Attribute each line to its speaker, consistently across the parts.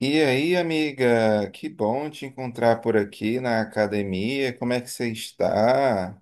Speaker 1: E aí, amiga, que bom te encontrar por aqui na academia. Como é que você está?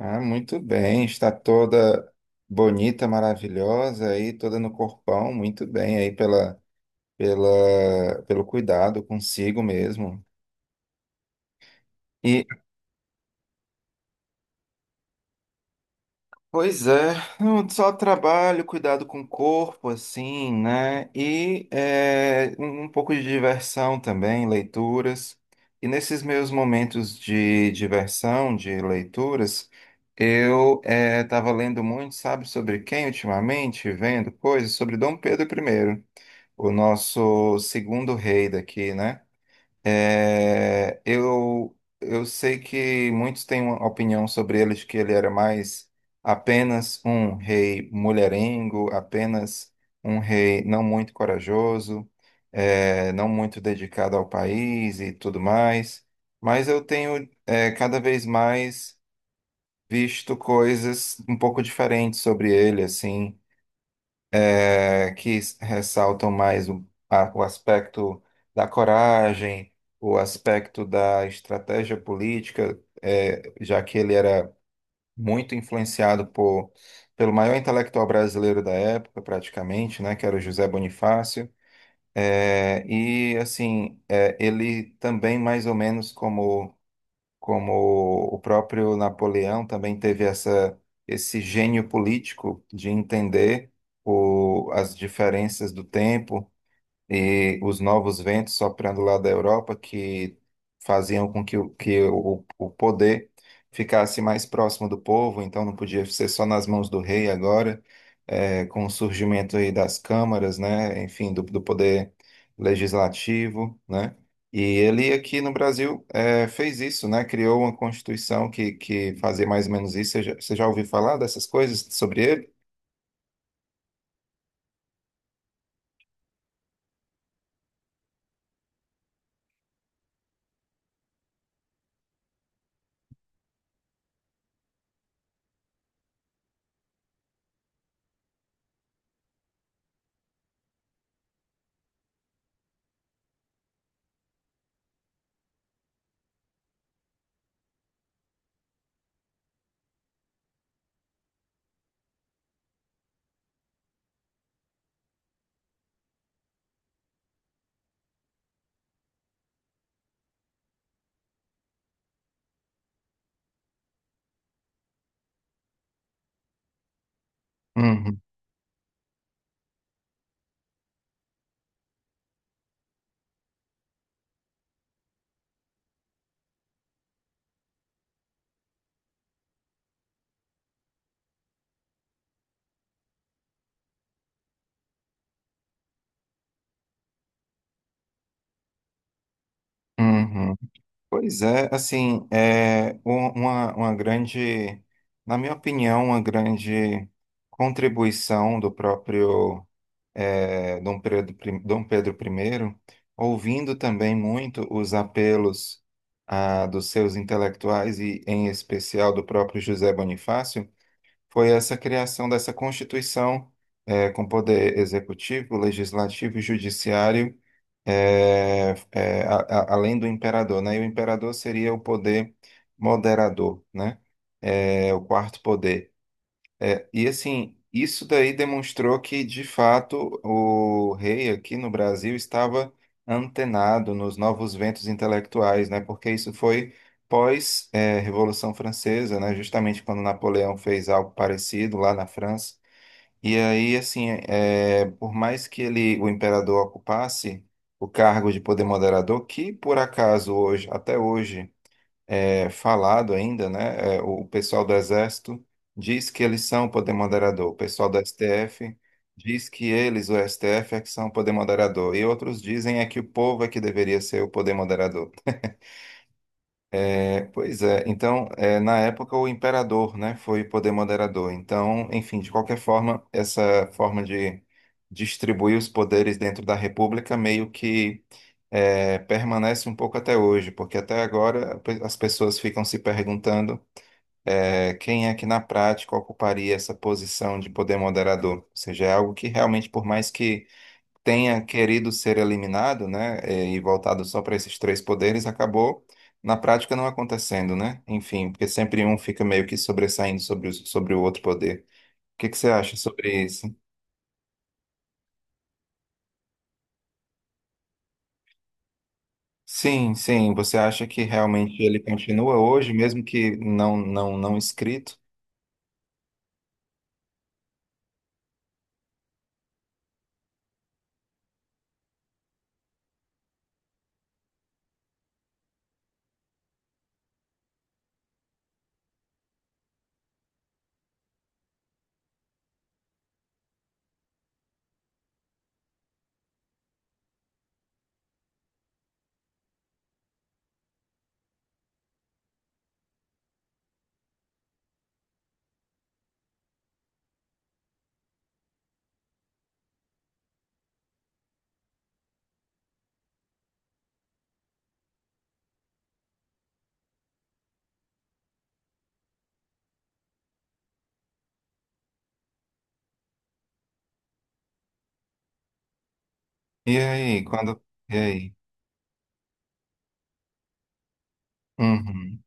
Speaker 1: Ah, muito bem, está toda bonita, maravilhosa aí, toda no corpão, muito bem aí pelo cuidado consigo mesmo. Pois é, não, só trabalho, cuidado com o corpo, assim, né? E um pouco de diversão também, leituras. E nesses meus momentos de diversão, de leituras, eu estava lendo muito, sabe, sobre quem ultimamente? Vendo coisas sobre Dom Pedro primeiro, o nosso segundo rei daqui, né? Eu sei que muitos têm uma opinião sobre ele, que ele era mais apenas um rei mulherengo, apenas um rei não muito corajoso, não muito dedicado ao país e tudo mais. Mas eu tenho, cada vez mais visto coisas um pouco diferentes sobre ele, assim que ressaltam mais o aspecto da coragem, o aspecto da estratégia política, já que ele era muito influenciado pelo maior intelectual brasileiro da época, praticamente, né, que era o José Bonifácio. E assim, ele também mais ou menos como o próprio Napoleão também teve esse gênio político de entender as diferenças do tempo e os novos ventos soprando lá da Europa que faziam com que o poder ficasse mais próximo do povo, então não podia ser só nas mãos do rei agora, com o surgimento aí das câmaras, né, enfim, do poder legislativo, né, e ele aqui no Brasil fez isso, né, criou uma constituição que fazia mais ou menos isso, você já ouviu falar dessas coisas sobre ele? Uhum, uhum. Pois é, assim, uma grande, na minha opinião, uma grande contribuição do próprio Dom Pedro I, ouvindo também muito os apelos dos seus intelectuais e, em especial, do próprio José Bonifácio foi essa criação dessa Constituição, com poder executivo, legislativo e judiciário, além do imperador, né? E o imperador seria o poder moderador, né? O quarto poder. E assim, isso daí demonstrou que, de fato, o rei aqui no Brasil estava antenado nos novos ventos intelectuais, né? Porque isso foi pós, Revolução Francesa, né? Justamente quando Napoleão fez algo parecido lá na França. E aí, assim, por mais que ele, o imperador, ocupasse o cargo de poder moderador, que por acaso hoje, até hoje falado ainda, né? O pessoal do Exército diz que eles são o poder moderador, o pessoal do STF diz que eles, o STF, é que são o poder moderador, e outros dizem que o povo é que deveria ser o poder moderador. Pois é, então, na época o imperador, né, foi o poder moderador. Então, enfim, de qualquer forma, essa forma de distribuir os poderes dentro da República meio que permanece um pouco até hoje, porque até agora as pessoas ficam se perguntando quem é que na prática ocuparia essa posição de poder moderador? Ou seja, é algo que realmente, por mais que tenha querido ser eliminado, né, e voltado só para esses três poderes, acabou na prática não acontecendo, né? Enfim, porque sempre um fica meio que sobressaindo sobre o outro poder. O que que você acha sobre isso? Sim, sim. Você acha que realmente ele continua hoje, mesmo que não escrito? E aí, quando? E aí? Uhum.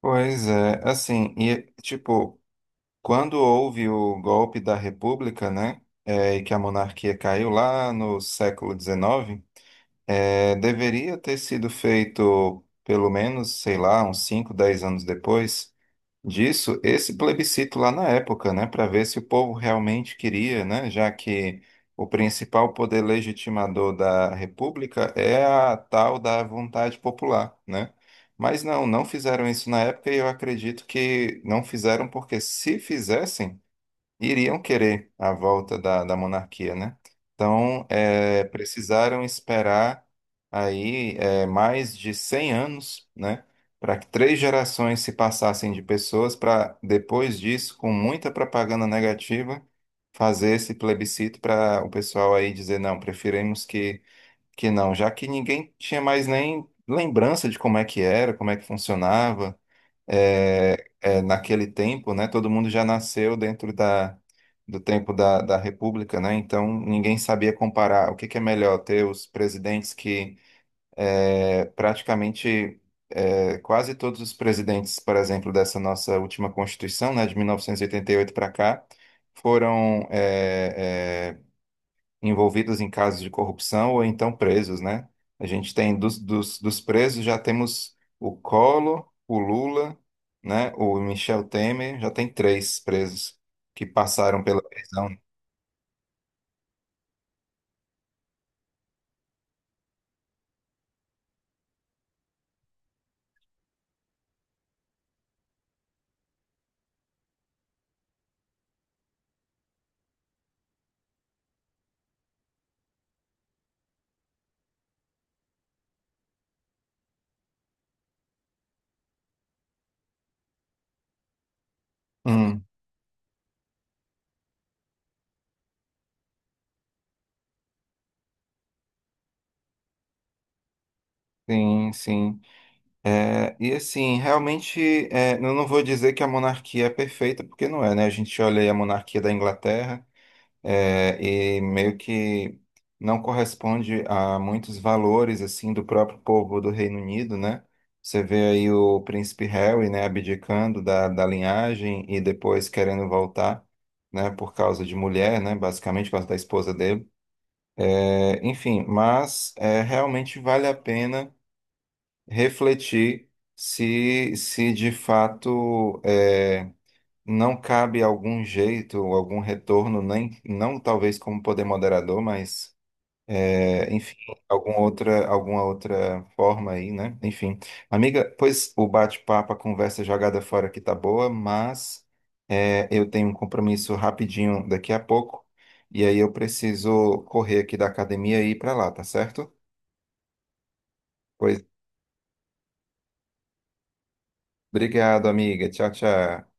Speaker 1: Pois é, assim, e tipo, quando houve o golpe da República, né, e que a monarquia caiu lá no século XIX, deveria ter sido feito, pelo menos, sei lá, uns 5, 10 anos depois disso, esse plebiscito lá na época, né, para ver se o povo realmente queria, né, já que o principal poder legitimador da República é a tal da vontade popular, né? Mas não fizeram isso na época e eu acredito que não fizeram porque se fizessem iriam querer a volta da monarquia, né? Então, precisaram esperar aí mais de 100 anos, né, para que três gerações se passassem de pessoas para depois disso, com muita propaganda negativa, fazer esse plebiscito para o pessoal aí dizer não, preferimos que não, já que ninguém tinha mais nem lembrança de como é que era, como é que funcionava naquele tempo, né, todo mundo já nasceu dentro do tempo da República, né, então ninguém sabia comparar o que que é melhor ter os presidentes que é, praticamente quase todos os presidentes, por exemplo, dessa nossa última Constituição, né, de mil novecentos e oitenta e oito para cá, foram é, envolvidos em casos de corrupção ou então presos, né? A gente tem dos presos já temos o Collor, o Lula, né? O Michel Temer, já tem três presos que passaram pela prisão. Hum, sim, sim. E assim, realmente, eu não vou dizer que a monarquia é perfeita, porque não é, né? A gente olha aí a monarquia da Inglaterra, e meio que não corresponde a muitos valores assim do próprio povo do Reino Unido, né? Você vê aí o príncipe Harry, né, abdicando da linhagem e depois querendo voltar, né, por causa de mulher, né, basicamente por causa da esposa dele. Enfim, mas realmente vale a pena refletir se de fato não cabe algum jeito, algum retorno, nem não talvez como poder moderador, mas enfim, alguma outra forma aí, né? Enfim, amiga, pois o bate-papo, a conversa jogada fora aqui tá boa, mas eu tenho um compromisso rapidinho daqui a pouco e aí eu preciso correr aqui da academia e ir para lá, tá certo? Pois, obrigado, amiga. Tchau, tchau.